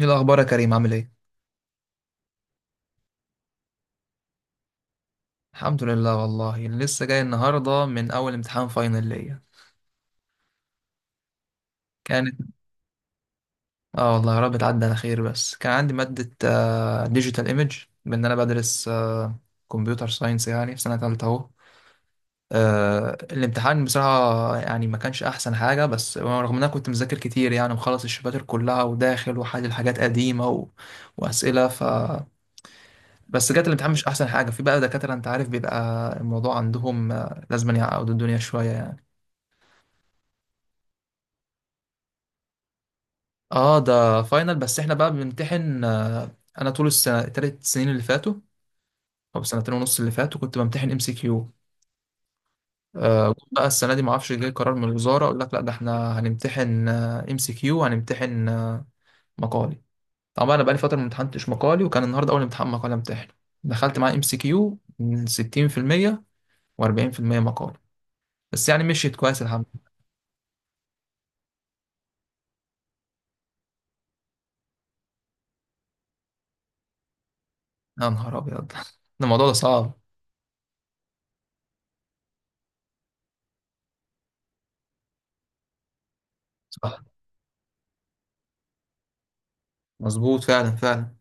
ايه الاخبار يا كريم، عامل ايه؟ الحمد لله، والله لسه جاي النهارده من اول امتحان فاينل ليا. كانت اه والله يا رب تعدي على خير، بس كان عندي ماده ديجيتال ايمج بان. انا بدرس كمبيوتر ساينس يعني، في سنه ثالثه اهو. الامتحان بصراحه يعني ما كانش احسن حاجه، بس رغم ان انا كنت مذاكر كتير يعني ومخلص الشباتر كلها وداخل وحل حاجات قديمه و... واسئله ف بس جت الامتحان مش احسن حاجه. في بقى دكاتره، انت عارف، بيبقى الموضوع عندهم لازم يعني يعقدوا الدنيا شويه يعني. اه ده فاينل، بس احنا بقى بنمتحن انا طول السنه، التلات سنين اللي فاتوا او سنتين ونص اللي فاتوا، كنت بمتحن ام سي كيو. بقى السنه دي ما اعرفش، جاي قرار من الوزاره اقول لك لا ده احنا هنمتحن ام سي كيو وهنمتحن مقالي. طبعا انا بقالي فتره ما امتحنتش مقالي، وكان النهارده اول امتحان مقالي امتحن. دخلت معاه ام سي كيو من 60% و40% مقالي. بس يعني مشيت كويس الحمد لله. يا نهار ابيض ده الموضوع ده صعب. صح مظبوط فعلا فعلا.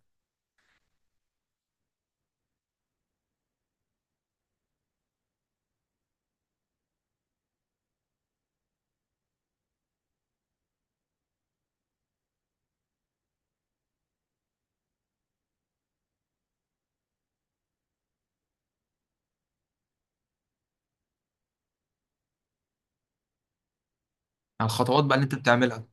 على الخطوات بقى اللي انت بتعملها.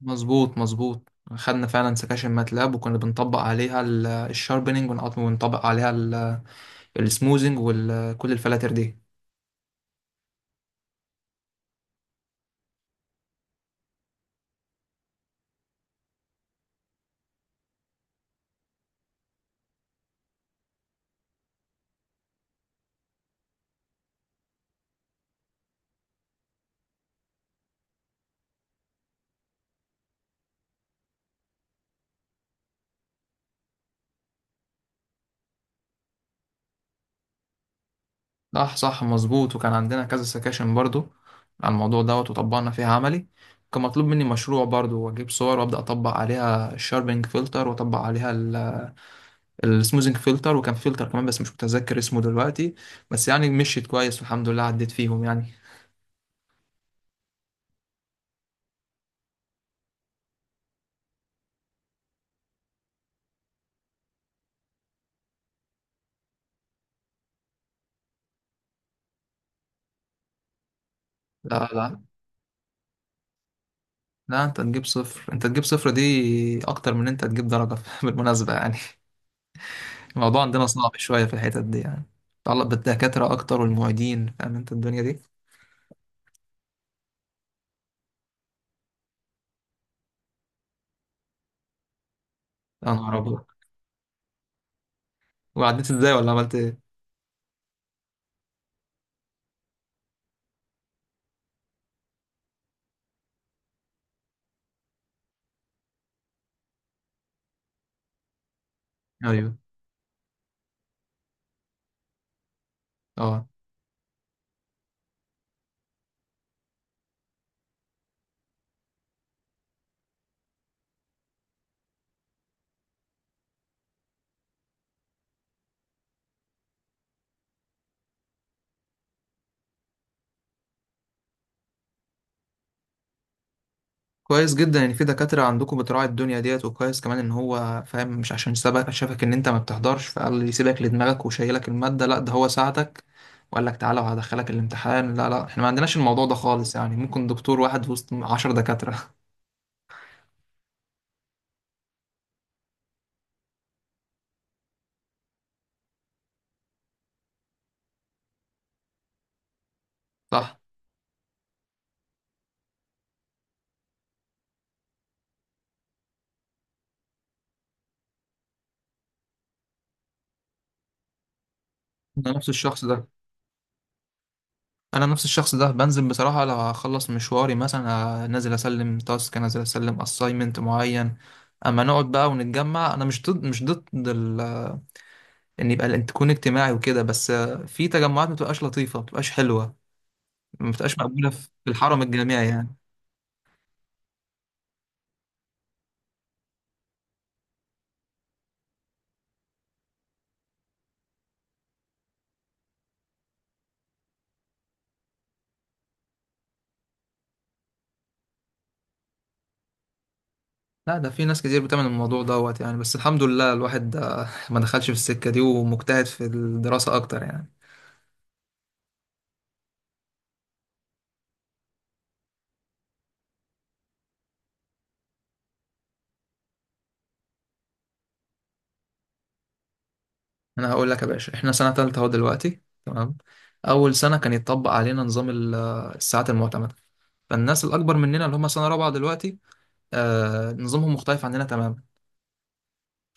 مظبوط مظبوط. خدنا فعلا سكاشن ماتلاب وكنا بنطبق عليها الشاربينج ونطبق عليها السموزنج وكل الفلاتر دي. صح صح مظبوط، وكان عندنا كذا سكاشن برضو على الموضوع دوت وطبقنا فيها عملي. كان مطلوب مني مشروع برضو، واجيب صور وابدا اطبق عليها الشاربينج فلتر واطبق عليها السموزنج فلتر وكان فلتر كمان بس مش متذكر اسمه دلوقتي. بس يعني مشيت كويس والحمد لله عديت فيهم يعني. لا لا لا، انت تجيب صفر، انت تجيب صفر دي اكتر من انت تجيب درجة بالمناسبة يعني. الموضوع عندنا صعب شوية في الحتت دي يعني، متعلق بالدكاترة اكتر والمعيدين، فاهم انت الدنيا دي. يا نهار ابيض، وعديت ازاي ولا عملت ايه؟ ايوه. اه كويس جدا ان في دكاترة عندكم بتراعي الدنيا ديت، وكويس كمان ان هو فاهم، مش عشان سبك شافك ان انت ما بتحضرش فقال يسيبك لدماغك وشايلك المادة، لا ده هو ساعدك وقال لك تعالى وهدخلك الامتحان. لا لا، احنا ما عندناش الموضوع ده خالص يعني، ممكن دكتور واحد وسط 10 دكاترة. صح. انا نفس الشخص ده انا نفس الشخص ده بنزل بصراحه لو هخلص مشواري، مثلا نازل اسلم تاسك، نازل اسلم اساينمنت معين. اما نقعد بقى ونتجمع، انا مش ضد ان يبقى تكون اجتماعي وكده، بس في تجمعات ما بتبقاش لطيفه، ما بتبقاش حلوه، ما بتبقاش مقبوله في الحرم الجامعي يعني. لا ده في ناس كتير بتعمل الموضوع دوت يعني، بس الحمد لله الواحد ما دخلش في السكه دي ومجتهد في الدراسه اكتر يعني. انا هقول لك يا باشا، احنا سنه تالته اهو دلوقتي. تمام. اول سنه كان يتطبق علينا نظام الساعات المعتمده. فالناس الاكبر مننا اللي هم سنه رابعه دلوقتي، آه نظامهم مختلف عننا تماما.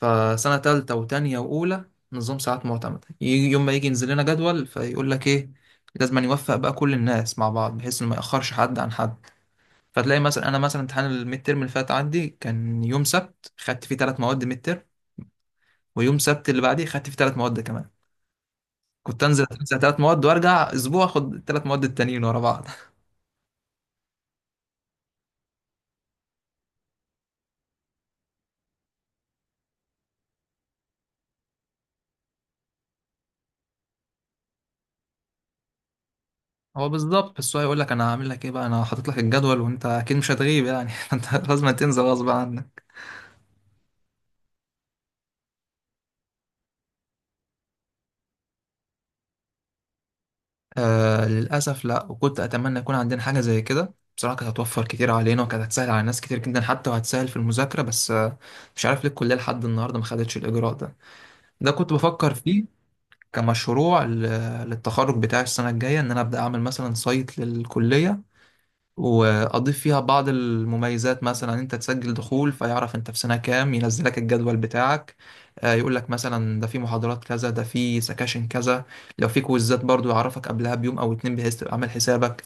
فسنه تالته وتانيه واولى، نظام ساعات معتمده. يوم ما يجي ينزل لنا جدول فيقول لك ايه، لازم أن يوفق بقى كل الناس مع بعض بحيث انه ما ياخرش حد عن حد. فتلاقي مثلا انا، مثلا امتحان الميد تيرم اللي فات عندي كان يوم سبت خدت فيه ثلاث مواد ميد تيرم، ويوم سبت اللي بعديه خدت فيه ثلاث مواد كمان. كنت انزل اتمسح ثلاث مواد وارجع اسبوع اخد الثلاث مواد التانيين ورا بعض. هو بالظبط، بس هو يقول لك انا هعمل لك ايه بقى، انا حاطط لك الجدول وانت اكيد مش هتغيب يعني. فانت لازم تنزل غصب عنك. آه للاسف لا، وكنت اتمنى يكون عندنا حاجه زي كده بصراحه، كانت هتوفر كتير علينا وكانت هتسهل على ناس كتير جدا حتى، وهتسهل في المذاكره، بس آه مش عارف ليه الكليه لحد النهارده ما خدتش الاجراء ده. ده كنت بفكر فيه كمشروع للتخرج بتاعي السنه الجايه، ان انا ابدا اعمل مثلا سايت للكليه واضيف فيها بعض المميزات، مثلا انت تسجل دخول فيعرف انت في سنة كام، ينزلك الجدول بتاعك. يقول لك مثلا ده في محاضرات كذا، ده في سكاشن كذا. لو في كويزات برضو يعرفك قبلها بيوم او اتنين بحيث تبقى عامل حسابك.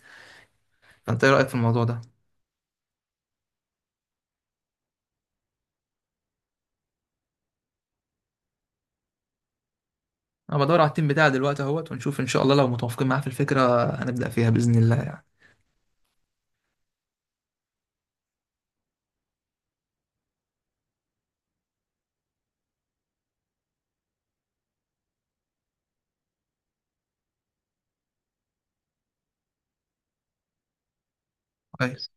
فانت ايه رأيك في الموضوع ده؟ انا بدور على التيم بتاعي دلوقتي اهوت، ونشوف ان شاء الله لو متوافقين معاه في الفكرة هنبدأ فيها بإذن الله يعني. كويس.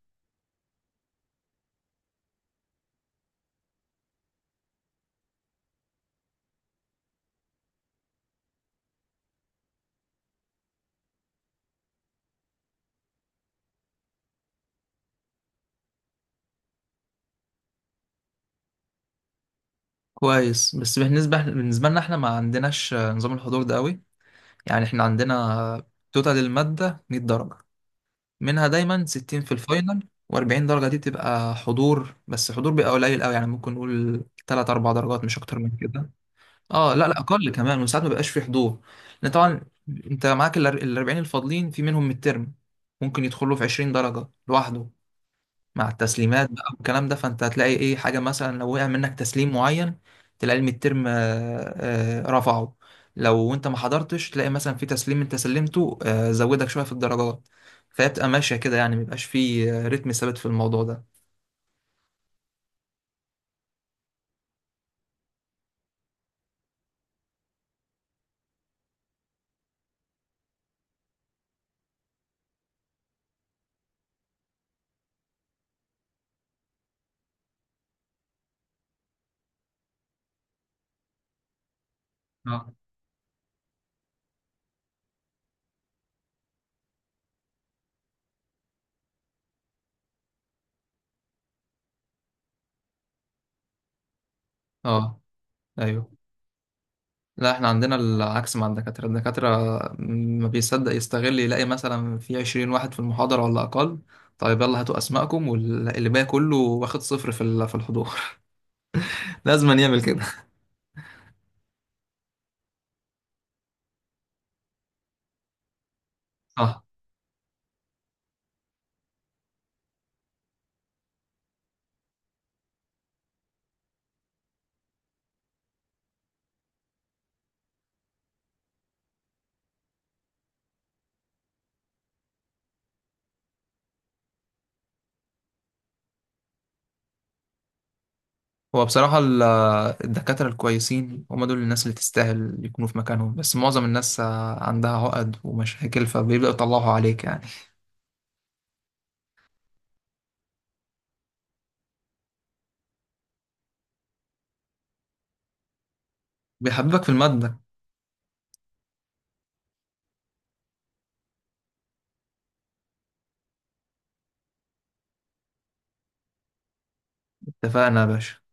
كويس. بس بالنسبة لنا احنا ما عندناش نظام الحضور ده قوي. يعني احنا عندنا توتال المادة 100 درجة، منها دايما 60 في الفاينل و40 درجة. دي بتبقى حضور، بس حضور بيبقى قليل قوي يعني، ممكن نقول 3 4 درجات مش اكتر من كده. اه لا لا اقل كمان، وساعات ما بيبقاش في حضور. لان طبعا انت معاك ال 40 الفاضلين في منهم من الترم ممكن يدخلوا في 20 درجة لوحده. مع التسليمات بقى والكلام ده، فانت هتلاقي ايه حاجه مثلا لو وقع منك تسليم معين تلاقي الميد ترم رفعه. لو انت ما حضرتش تلاقي مثلا في تسليم انت سلمته زودك شويه في الدرجات. فهي بتبقى ماشيه كده يعني، ميبقاش في رتم ثابت في الموضوع ده. اه. اه. ايوه لا احنا عندنا العكس مع الدكاترة. الدكاترة ما بيصدق يستغل، يلاقي مثلا في 20 واحد في المحاضرة ولا أقل، طيب يلا هاتوا أسمائكم، واللي باقي كله واخد صفر في في الحضور. لازم يعمل كده. صح. هو بصراحة الدكاترة الكويسين هم دول الناس اللي تستاهل يكونوا في مكانهم، بس معظم الناس عندها عقد ومشاكل، فبيبدأوا يطلعوا عليك يعني. بيحببك في المادة. اتفقنا يا باشا.